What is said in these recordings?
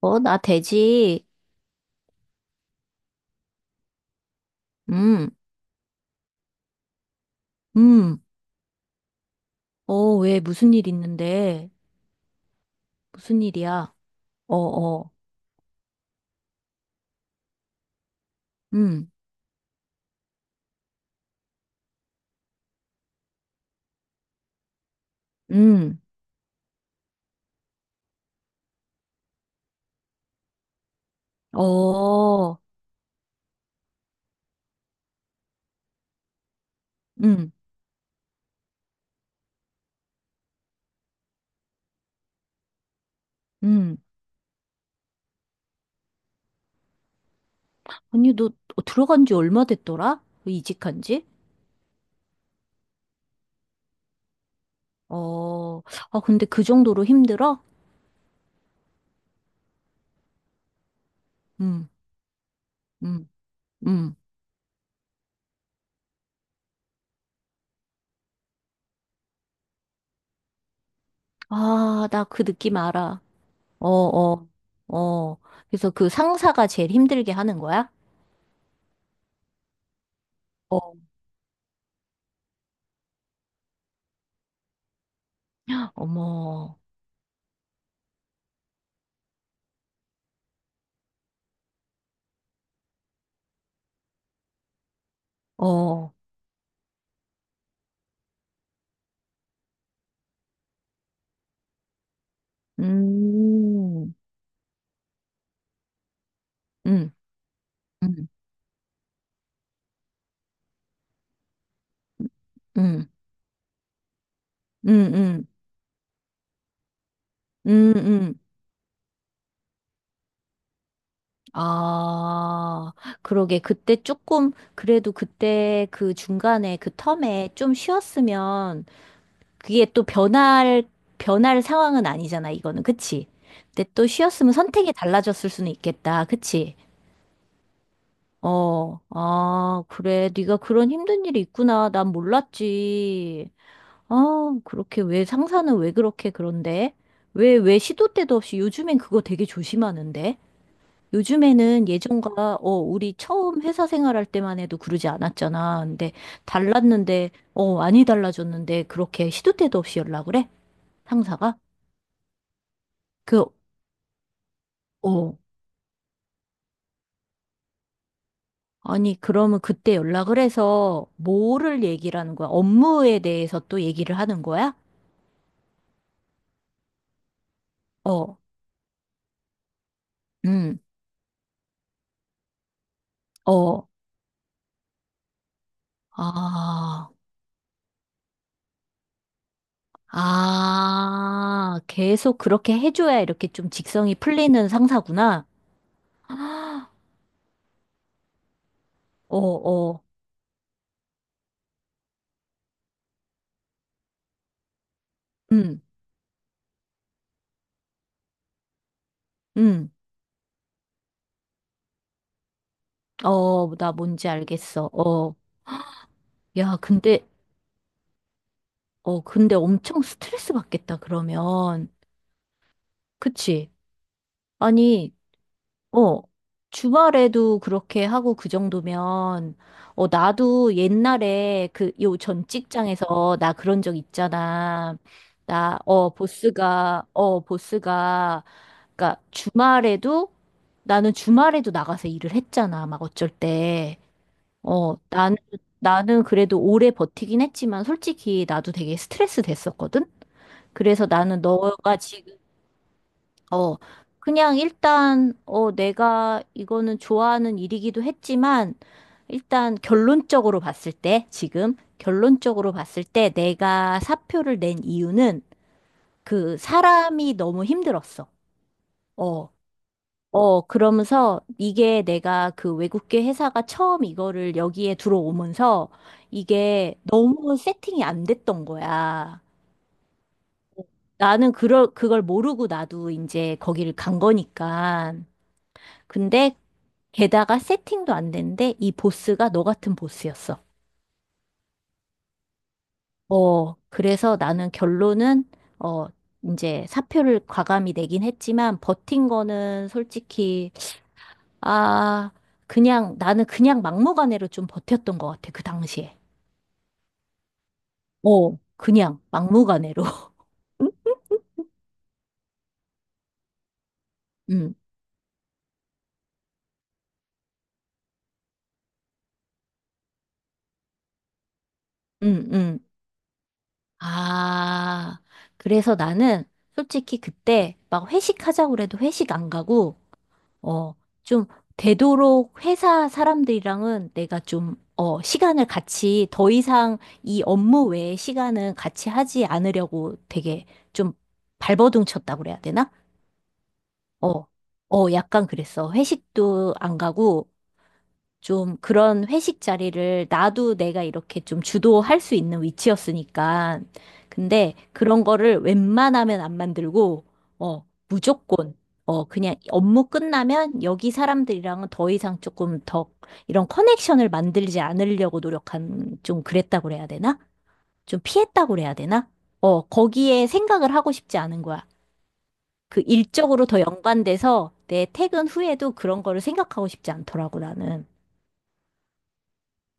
어, 나 되지. 음, 음. 어, 왜 무슨 일 있는데? 무슨 일이야? 어, 어. 음, 음. 어, 음, 음. 아니, 너 들어간 지 얼마 됐더라? 이직한 지? 어, 아, 근데 그 정도로 힘들어? 음, 음, 음. 아, 나 그 느낌 알아. 어, 어, 어. 그래서 그 상사가 제일 힘들게 하는 거야? 어. 어머, 어, 음, 음. 음. 음, 음, 음, 음, 음. 아, 그러게. 그때 조금, 그래도 그때 그 중간에 그 텀에 좀 쉬었으면 그게 또 변할 상황은 아니잖아, 이거는. 그치? 근데 또 쉬었으면 선택이 달라졌을 수는 있겠다. 그치? 어, 아, 그래. 네가 그런 힘든 일이 있구나. 난 몰랐지. 아, 그렇게 왜 상사는 왜 그렇게 그런데? 왜 시도 때도 없이 요즘엔 그거 되게 조심하는데? 요즘에는 예전과 우리 처음 회사 생활할 때만 해도 그러지 않았잖아. 근데 달랐는데 많이 달라졌는데 그렇게 시도 때도 없이 연락을 해? 상사가? 그 어. 아니 그러면 그때 연락을 해서 뭐를 얘기를 하는 거야? 업무에 대해서 또 얘기를 하는 거야? 어. 음. 어. 아. 아. 계속 그렇게 해줘야 이렇게 좀 직성이 풀리는 상사구나. 어, 어. 음. 음. 어, 나 뭔지 알겠어. 어, 야, 근데, 근데 엄청 스트레스 받겠다, 그러면. 그치? 아니, 어, 주말에도 그렇게 하고 그 정도면, 어, 나도 옛날에 그, 요 전 직장에서 나 그런 적 있잖아. 나, 어, 보스가, 그니까 나는 주말에도 나가서 일을 했잖아, 막 어쩔 때. 어, 나는 그래도 오래 버티긴 했지만 솔직히 나도 되게 스트레스 됐었거든? 그래서 나는 너가 지금, 어, 그냥 일단, 내가 이거는 좋아하는 일이기도 했지만 일단 결론적으로 봤을 때, 지금 결론적으로 봤을 때 내가 사표를 낸 이유는 그 사람이 너무 힘들었어. 어. 어, 그러면서 이게 내가 그 외국계 회사가 처음 이거를 여기에 들어오면서 이게 너무 세팅이 안 됐던 거야. 나는 그걸 모르고 나도 이제 거기를 간 거니까. 근데 게다가 세팅도 안 됐는데 이 보스가 너 같은 보스였어. 어, 그래서 나는 결론은, 어, 이제 사표를 과감히 내긴 했지만 버틴 거는 솔직히 아, 그냥, 나는 그냥 막무가내로 좀 버텼던 것 같아, 그 당시에. 어, 그냥 막무가내로. 음, 음, 음. 아, 그래서 나는 솔직히 그때 막 회식하자고 그래도 회식 안 가고, 어, 좀 되도록 회사 사람들이랑은 내가 좀, 시간을 같이 더 이상 이 업무 외에 시간은 같이 하지 않으려고 되게 좀 발버둥 쳤다고 그래야 되나? 어, 어, 약간 그랬어. 회식도 안 가고, 좀 그런 회식 자리를 나도 내가 이렇게 좀 주도할 수 있는 위치였으니까. 근데 그런 거를 웬만하면 안 만들고, 어, 무조건, 어, 그냥 업무 끝나면 여기 사람들이랑은 더 이상 조금 더 이런 커넥션을 만들지 않으려고 노력한, 좀 그랬다고 그래야 되나? 좀 피했다고 그래야 되나? 어, 거기에 생각을 하고 싶지 않은 거야. 그 일적으로 더 연관돼서 내 퇴근 후에도 그런 거를 생각하고 싶지 않더라고, 나는.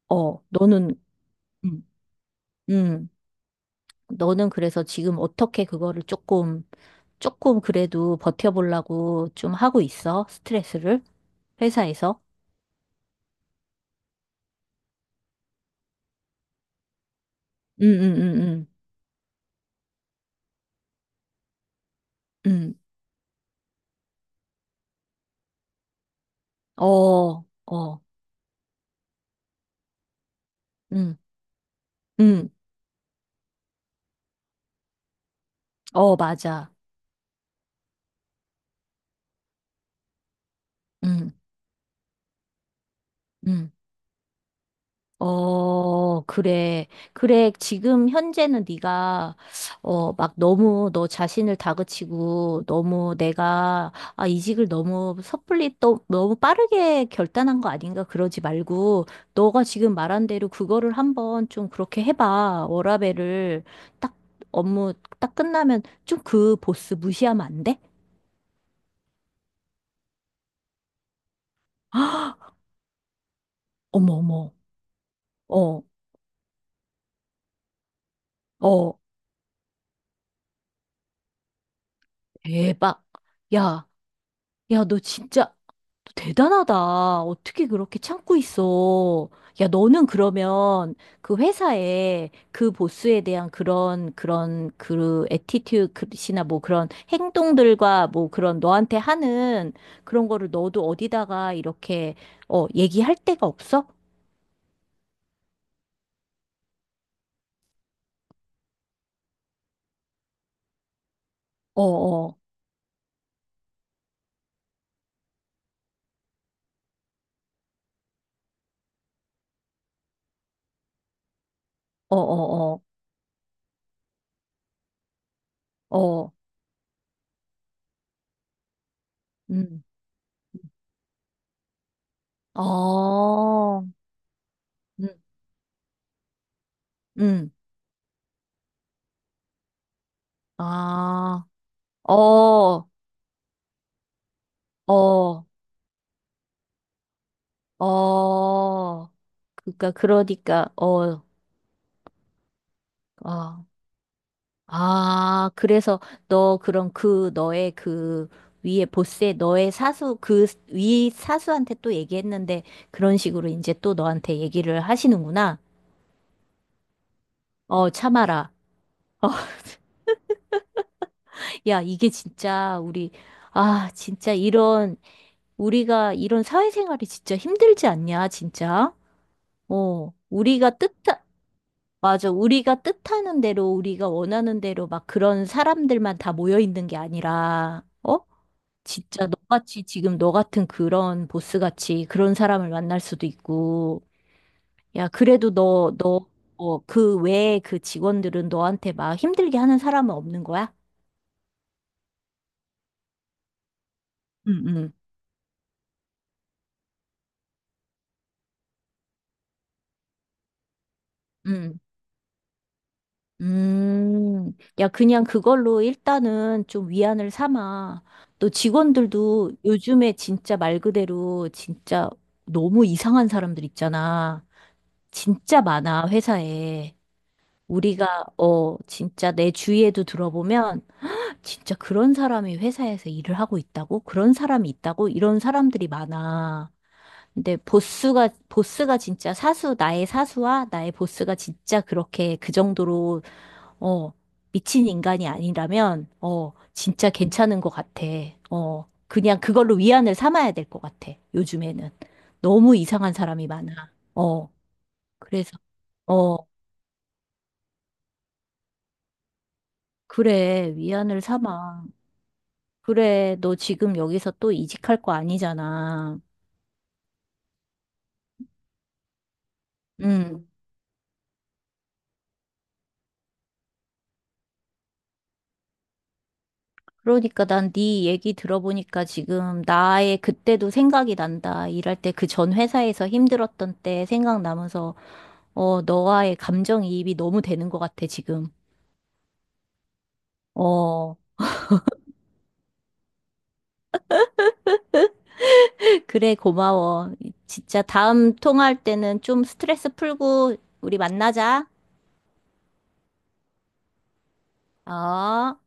어, 음, 음, 너는 그래서 지금 어떻게 그거를 조금, 조금 그래도 버텨보려고 좀 하고 있어? 스트레스를? 회사에서? 음, 음, 음, 음, 어, 어, 음, 음. 어, 맞아. 음, 음. 어, 그래. 그래. 지금 현재는 네가 어, 막 너무 너 자신을 다그치고 너무 내가 아, 이직을 너무 섣불리 또 너무 빠르게 결단한 거 아닌가 그러지 말고 너가 지금 말한 대로 그거를 한번 좀 그렇게 해봐. 워라밸을 딱 업무 딱 끝나면 좀 그 보스 무시하면 안 돼? 어머 어머. 어, 어, 대박. 야. 야, 너 진짜 너 대단하다. 어떻게 그렇게 참고 있어? 야, 너는 그러면 그 회사에 그 보스에 대한 그런 그런 그 애티튜드나 뭐 그런 행동들과 뭐 그런 너한테 하는 그런 거를 너도 어디다가 이렇게 얘기할 데가 없어? 어, 어, 어, 어, 어, 어, 음, 어, 음, 음, 아, 어, 어, 어. 그러니까 아, 아, 그래서 너 그럼 그 너의 그 위에 보스의 너의 사수 그 위 사수한테 또 얘기했는데 그런 식으로 이제 또 너한테 얘기를 하시는구나. 어, 참아라. 야, 이게 진짜 우리 아, 진짜 이런 우리가 이런 사회생활이 진짜 힘들지 않냐, 진짜. 어, 우리가 뜻 맞아. 우리가 뜻하는 대로, 우리가 원하는 대로 막 그런 사람들만 다 모여 있는 게 아니라, 어? 진짜 너같이 지금 너 같은 그런 보스같이 그런 사람을 만날 수도 있고, 야, 그래도 너, 어, 그 외에 그 직원들은 너한테 막 힘들게 하는 사람은 없는 거야? 응, 응, 응. 음, 야, 그냥 그걸로 일단은 좀 위안을 삼아. 또 직원들도 요즘에 진짜 말 그대로 진짜 너무 이상한 사람들 있잖아. 진짜 많아, 회사에. 우리가, 진짜 내 주위에도 들어보면, 진짜 그런 사람이 회사에서 일을 하고 있다고? 그런 사람이 있다고? 이런 사람들이 많아. 근데 보스가, 진짜 사수, 나의 사수와 나의 보스가 진짜 그렇게 그 정도로 어, 미친 인간이 아니라면, 진짜 괜찮은 것 같아. 어, 그냥 그걸로 위안을 삼아야 될 것 같아. 요즘에는. 너무 이상한 사람이 많아. 어, 그래서, 어, 그래, 위안을 삼아. 그래, 너 지금 여기서 또 이직할 거 아니잖아. 음. 그러니까 난 네 얘기 들어보니까 지금 나의 그때도 생각이 난다. 일할 때 그 전 회사에서 힘들었던 때 생각나면서, 어, 너와의 감정이입이 너무 되는 것 같아, 지금. 어, 그래, 고마워. 진짜 다음 통화할 때는 좀 스트레스 풀고 우리 만나자. 어.